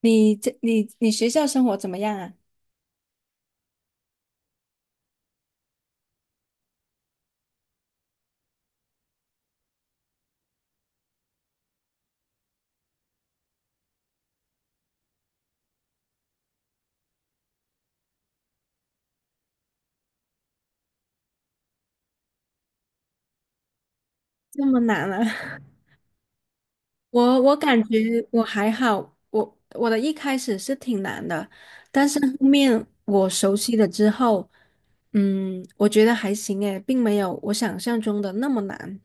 你这你你学校生活怎么样啊？这么难啊！我感觉我还好，我一开始是挺难的，但是后面我熟悉了之后，嗯，我觉得还行诶，并没有我想象中的那么难。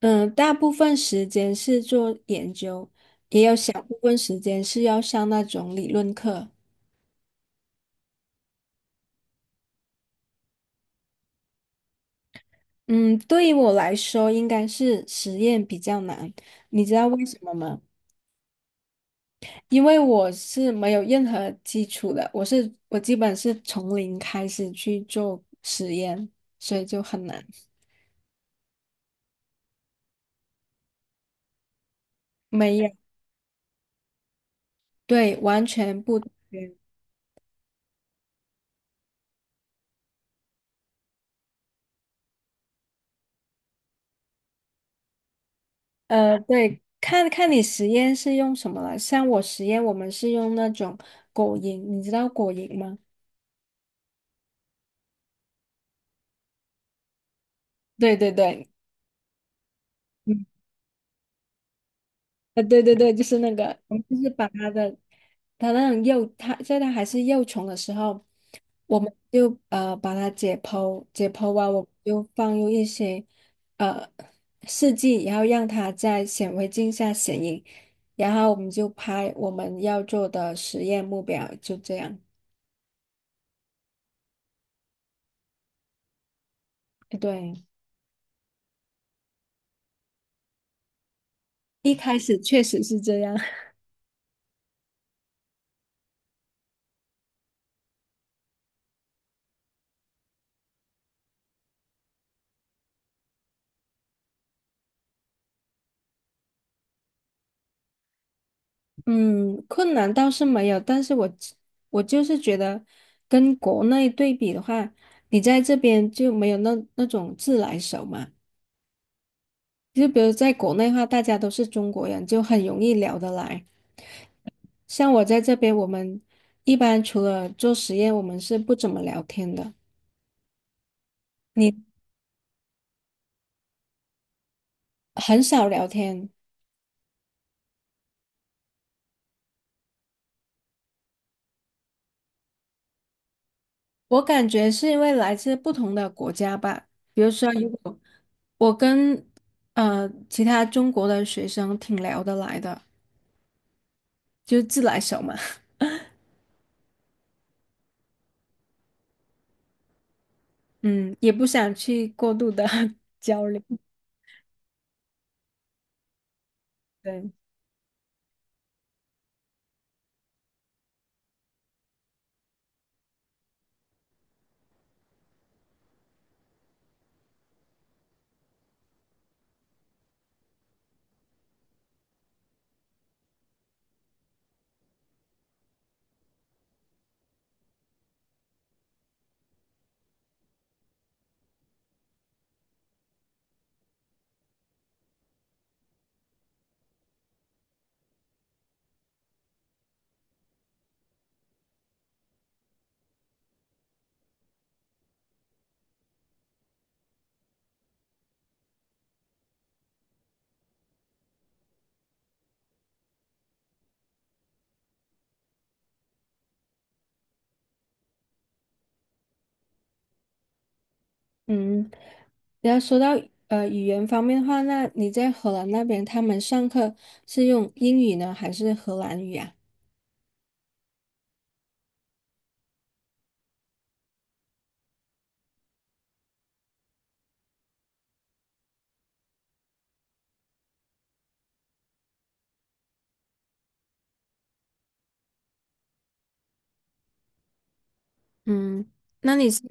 嗯，大部分时间是做研究，也有小部分时间是要上那种理论课。嗯，对于我来说，应该是实验比较难。你知道为什么吗？因为我是没有任何基础的，我基本是从零开始去做实验，所以就很难。没有，对，完全不同源对，看看你实验是用什么了。像我实验，我们是用那种果蝇，你知道果蝇吗？对对对，嗯，对对对，就是那个，我们就是把它的它那种幼，它在它还是幼虫的时候。我们就把它解剖，解剖完我们就放入一些呃试剂，然后让它在显微镜下显影，然后我们就拍我们要做的实验目标，就这样。哎对，一开始确实是这样。嗯，困难倒是没有，但是我就是觉得跟国内对比的话，你在这边就没有那种自来熟嘛。就比如在国内的话，大家都是中国人，就很容易聊得来。像我在这边，我们一般除了做实验，我们是不怎么聊天的。你很少聊天，我感觉是因为来自不同的国家吧。比如说，如果我跟其他中国的学生挺聊得来的，就自来熟嘛，嗯，也不想去过度的 交流。对，嗯，然后说到语言方面的话，那你在荷兰那边，他们上课是用英语呢，还是荷兰语啊？嗯，那你现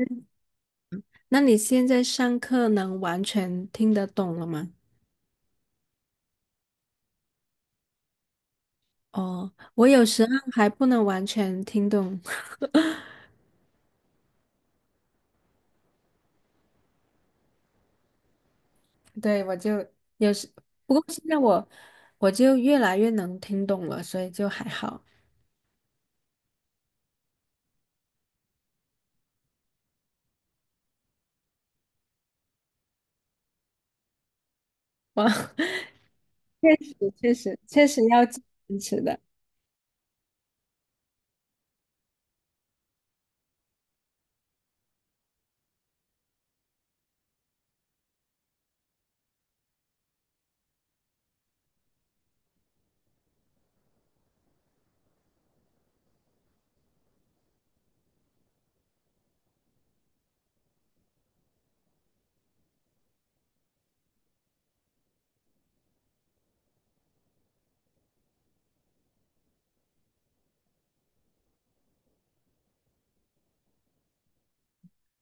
那你现在上课能完全听得懂了吗？哦，我有时候还不能完全听懂，对，我就有时，不过现在我越来越能听懂了，所以就还好。哇，确实确实要坚持的，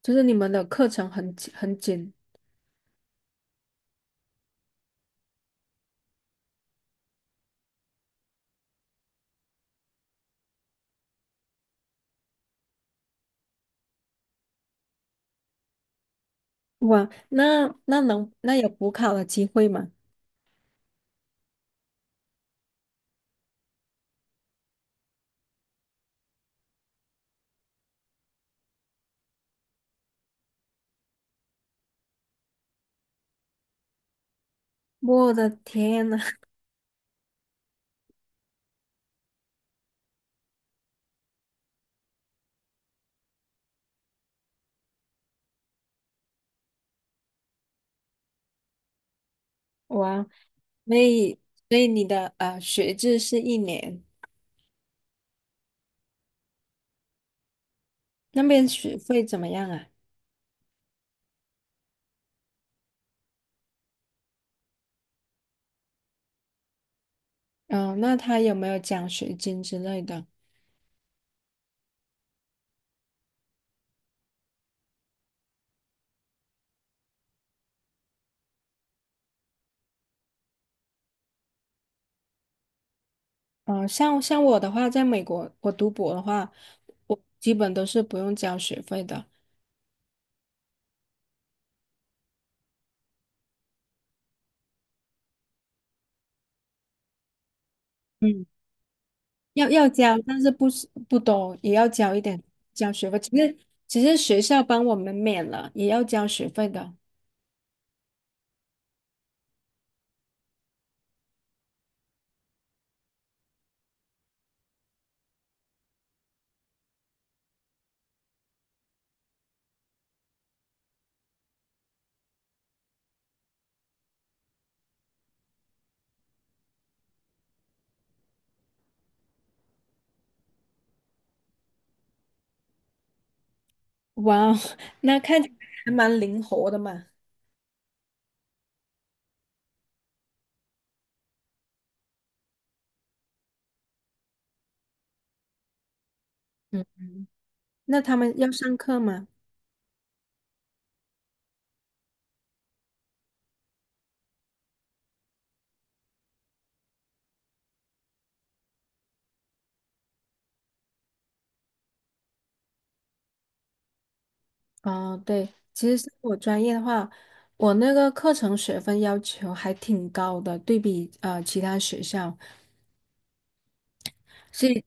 就是你们的课程很紧很紧。哇，那有补考的机会吗？我的天呐，哇！所以，所以你的学制是一年，那边学费怎么样啊？嗯、那他有没有奖学金之类的？嗯、像我的话，在美国我读博的话，我基本都是不用交学费的。嗯，要交，但是不是不多，也要交一点交学费。其实学校帮我们免了，也要交学费的。哇哦，那看起来还蛮灵活的嘛。嗯，那他们要上课吗？哦，对，其实是我专业的话，我那个课程学分要求还挺高的，对比其他学校，所以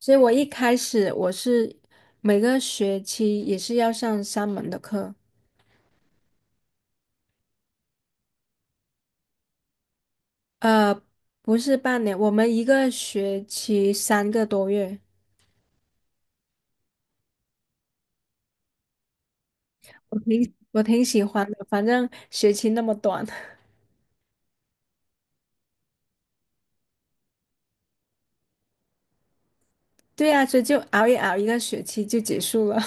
所以我一开始是每个学期也是要上3门的课，呃，不是半年，我们一个学期3个多月，我挺喜欢的，反正学期那么短，对啊，所以就熬一熬，一个学期就结束了。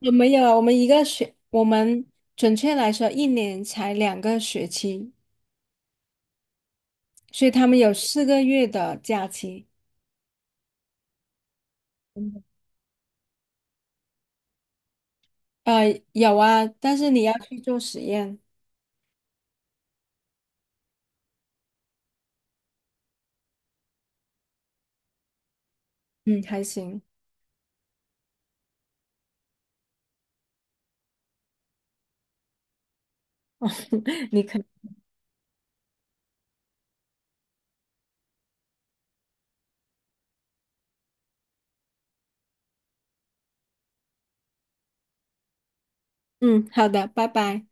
我没有啊，我们准确来说，一年才2个学期，所以他们有4个月的假期。嗯，有啊，但是你要去做实验，嗯，还行。你可，嗯，好的，拜拜。